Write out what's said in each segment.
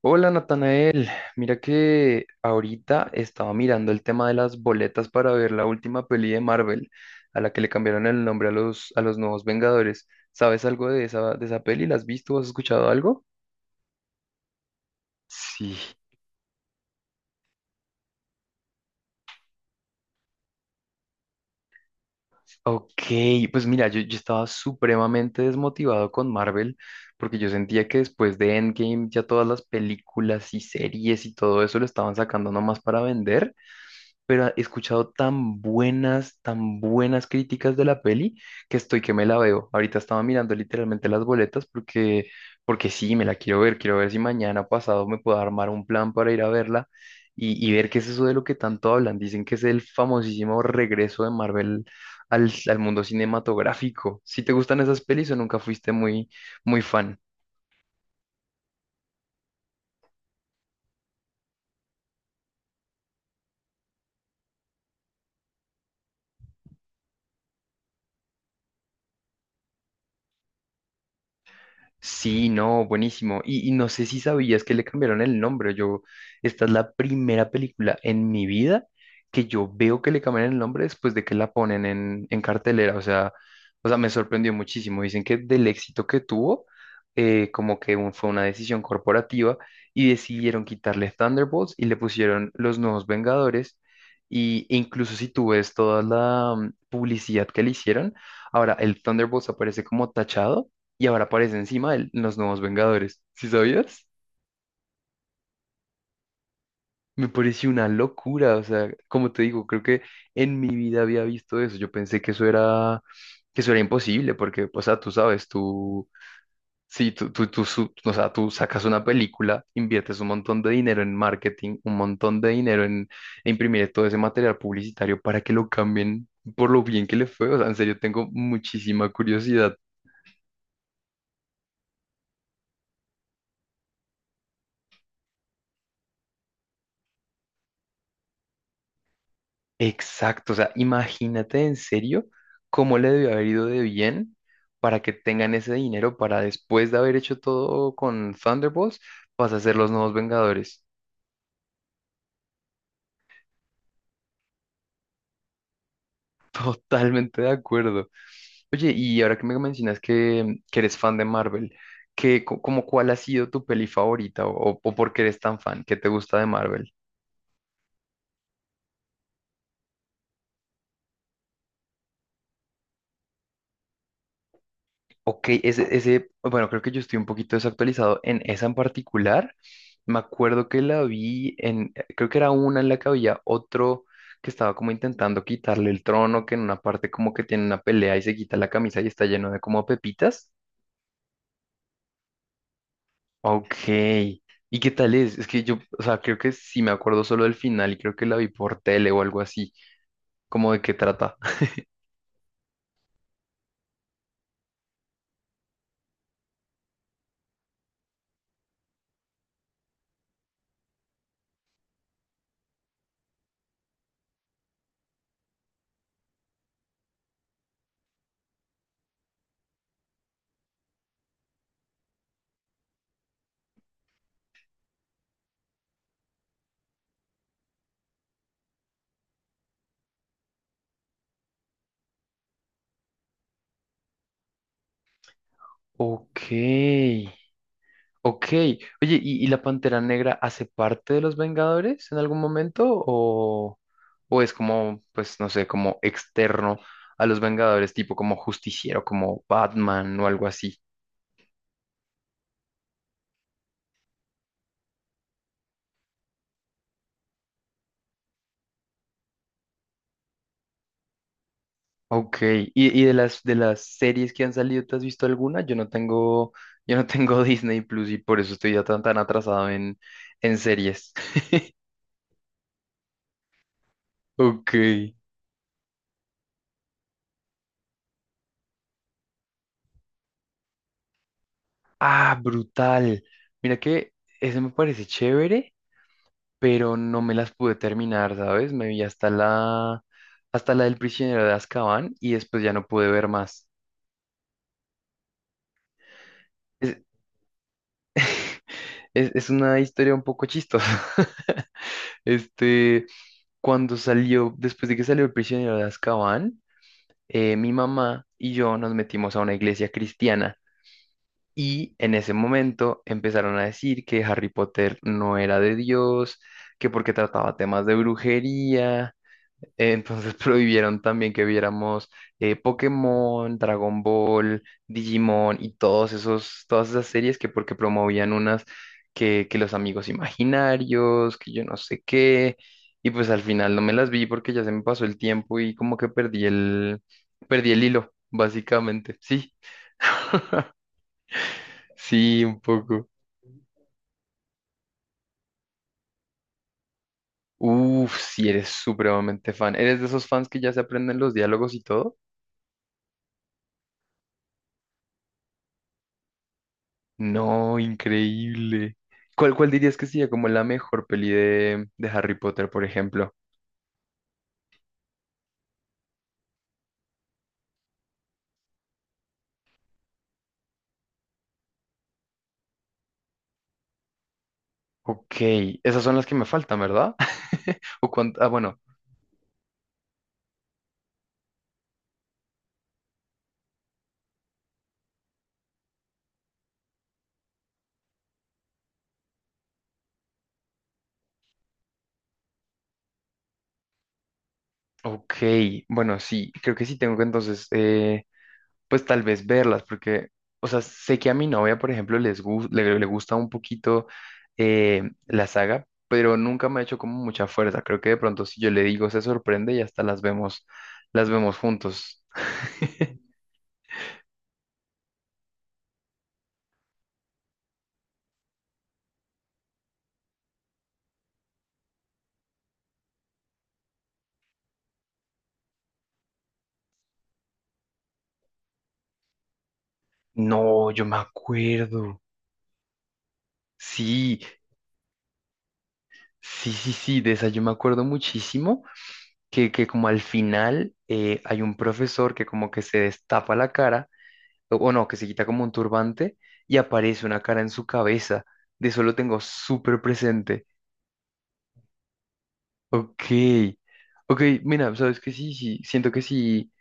Hola Natanael, mira que ahorita estaba mirando el tema de las boletas para ver la última peli de Marvel, a la que le cambiaron el nombre a los nuevos Vengadores. ¿Sabes algo de esa peli? ¿La has visto? ¿Has escuchado algo? Sí, ok, pues mira, yo estaba supremamente desmotivado con Marvel porque yo sentía que después de Endgame ya todas las películas y series y todo eso lo estaban sacando nomás para vender, pero he escuchado tan buenas críticas de la peli que estoy que me la veo. Ahorita estaba mirando literalmente las boletas porque sí, me la quiero ver. Quiero ver si mañana pasado me puedo armar un plan para ir a verla y ver qué es eso de lo que tanto hablan. Dicen que es el famosísimo regreso de Marvel al mundo cinematográfico. Si te gustan esas pelis o nunca fuiste muy, muy fan. Sí, no, buenísimo. Y no sé si sabías que le cambiaron el nombre. Esta es la primera película en mi vida que yo veo que le cambian el nombre después de que la ponen en cartelera. O sea, me sorprendió muchísimo. Dicen que del éxito que tuvo, como que fue una decisión corporativa y decidieron quitarle Thunderbolts y le pusieron Los Nuevos Vengadores. Y incluso si tú ves toda la publicidad que le hicieron, ahora el Thunderbolts aparece como tachado y ahora aparece encima los nuevos Vengadores. ¿Sí sabías? Me pareció una locura, o sea, como te digo, creo que en mi vida había visto eso. Yo pensé que eso era imposible, porque, o sea, tú sabes, sí, o sea, tú sacas una película, inviertes un montón de dinero en marketing, un montón de dinero en imprimir todo ese material publicitario para que lo cambien por lo bien que le fue. O sea, en serio, tengo muchísima curiosidad. Exacto, o sea, imagínate en serio cómo le debió haber ido de bien para que tengan ese dinero para, después de haber hecho todo con Thunderbolts, vas a ser los nuevos Vengadores. Totalmente de acuerdo. Oye, y ahora que me mencionas que eres fan de Marvel, Como cuál ha sido tu peli favorita o por qué eres tan fan? ¿Qué te gusta de Marvel? Ok, ese, bueno, creo que yo estoy un poquito desactualizado en esa en particular. Me acuerdo que la vi en, creo que era una en la que había otro que estaba como intentando quitarle el trono, que en una parte como que tiene una pelea y se quita la camisa y está lleno de como pepitas. Ok, ¿y qué tal es? Es que yo, o sea, creo que sí me acuerdo solo del final y creo que la vi por tele o algo así, como de qué trata. Ok. Ok, oye, ¿y la Pantera Negra hace parte de los Vengadores en algún momento? ¿O es como, pues no sé, como externo a los Vengadores, tipo como Justiciero, como Batman o algo así? Ok, ¿y de las, series que han salido, ¿te has visto alguna? Yo no tengo Disney Plus y por eso estoy ya tan, atrasado en series. Ok. Ah, brutal. Mira que ese me parece chévere. Pero no me las pude terminar, ¿sabes? Me vi hasta la del prisionero de Azkaban y después ya no pude ver más. Es, es una historia un poco chistosa. Este, cuando salió, después de que salió el prisionero de Azkaban, mi mamá y yo nos metimos a una iglesia cristiana. Y en ese momento empezaron a decir que Harry Potter no era de Dios, que porque trataba temas de brujería. Entonces prohibieron también que viéramos Pokémon, Dragon Ball, Digimon y todos esos, todas esas series, que porque promovían unas que los amigos imaginarios, que yo no sé qué, y pues al final no me las vi porque ya se me pasó el tiempo y como que perdí el, hilo, básicamente. Sí, sí, un poco. Uf, si eres supremamente fan. ¿Eres de esos fans que ya se aprenden los diálogos y todo? No, increíble. ¿Cuál dirías que sería como la mejor peli de Harry Potter, por ejemplo? Ok, esas son las que me faltan, ¿verdad? Bueno, ok, bueno, sí, creo que sí tengo que entonces, pues tal vez verlas, porque, o sea, sé que a mi novia, por ejemplo, les gus- le gusta un poquito la saga, pero nunca me ha hecho como mucha fuerza. Creo que de pronto si yo le digo, se sorprende y hasta las vemos juntos. No, yo me acuerdo. Sí, sí, sí, sí, de esa yo me acuerdo muchísimo que como al final hay un profesor que como que se destapa la cara, o no, que se quita como un turbante y aparece una cara en su cabeza. De eso lo tengo súper presente. Ok, ok, mira, sabes que sí, sí, siento que sí,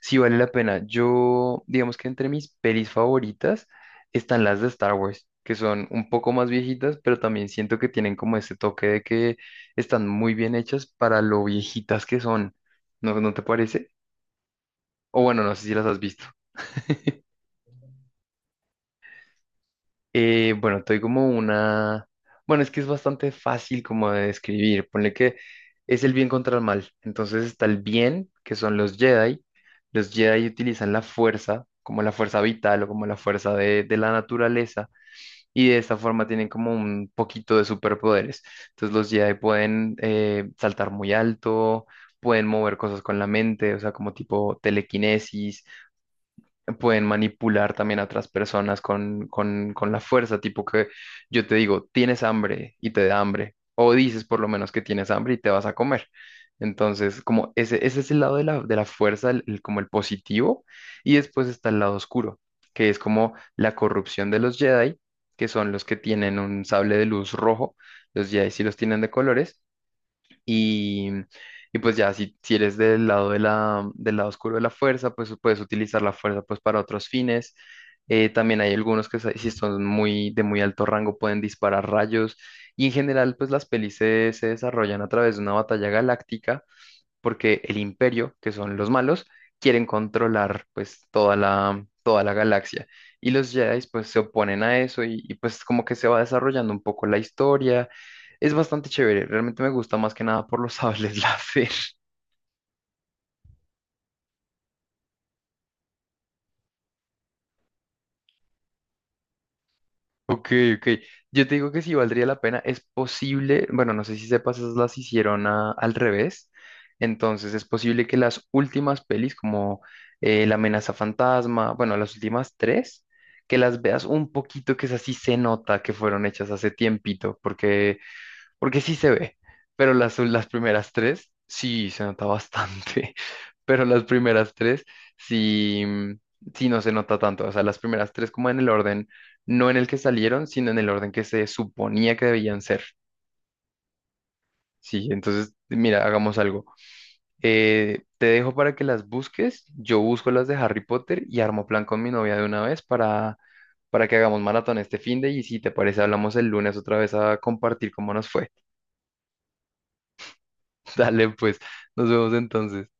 sí vale la pena. Yo, digamos que entre mis pelis favoritas están las de Star Wars, que son un poco más viejitas, pero también siento que tienen como ese toque de que están muy bien hechas para lo viejitas que son. ¿No, no te parece? O bueno, no sé si las has visto. Bueno, te doy como una... Bueno, es que es bastante fácil como de describir. Ponle que es el bien contra el mal. Entonces está el bien, que son los Jedi. Los Jedi utilizan la fuerza, como la fuerza vital o como la fuerza de la naturaleza. Y de esta forma tienen como un poquito de superpoderes. Entonces los Jedi pueden saltar muy alto, pueden mover cosas con la mente, o sea, como tipo telequinesis. Pueden manipular también a otras personas con, la fuerza, tipo que yo te digo, tienes hambre y te da hambre, o dices por lo menos que tienes hambre y te vas a comer. Entonces, como ese, es el lado de la fuerza, como el positivo, y después está el lado oscuro, que es como la corrupción de los Jedi, que son los que tienen un sable de luz rojo, los Jedi sí los tienen de colores, y, y pues ya, si, eres del lado del lado oscuro de la fuerza, pues puedes utilizar la fuerza pues para otros fines. También hay algunos que si son de muy alto rango pueden disparar rayos. Y en general, pues las pelis se desarrollan a través de una batalla galáctica porque el imperio, que son los malos, quieren controlar pues toda la galaxia. Y los Jedi pues se oponen a eso y, pues como que se va desarrollando un poco la historia. Es bastante chévere, realmente me gusta más que nada por los sables láser. Ok, ok. Yo te digo que sí valdría la pena. Es posible, bueno, no sé si sepas, esas las hicieron al revés. Entonces es posible que las últimas pelis, como La amenaza fantasma, bueno, las últimas tres, que las veas un poquito, que es así se nota que fueron hechas hace tiempito, porque sí se ve, pero las primeras tres, sí, se nota bastante, pero las primeras tres, sí, sí no se nota tanto, o sea, las primeras tres como en el orden, no en el que salieron, sino en el orden que se suponía que debían ser, sí, entonces, mira, hagamos algo. Te dejo para que las busques, yo busco las de Harry Potter y armo plan con mi novia de una vez Para que hagamos maratón este finde y si te parece hablamos el lunes otra vez a compartir cómo nos fue. Dale pues. Nos vemos entonces.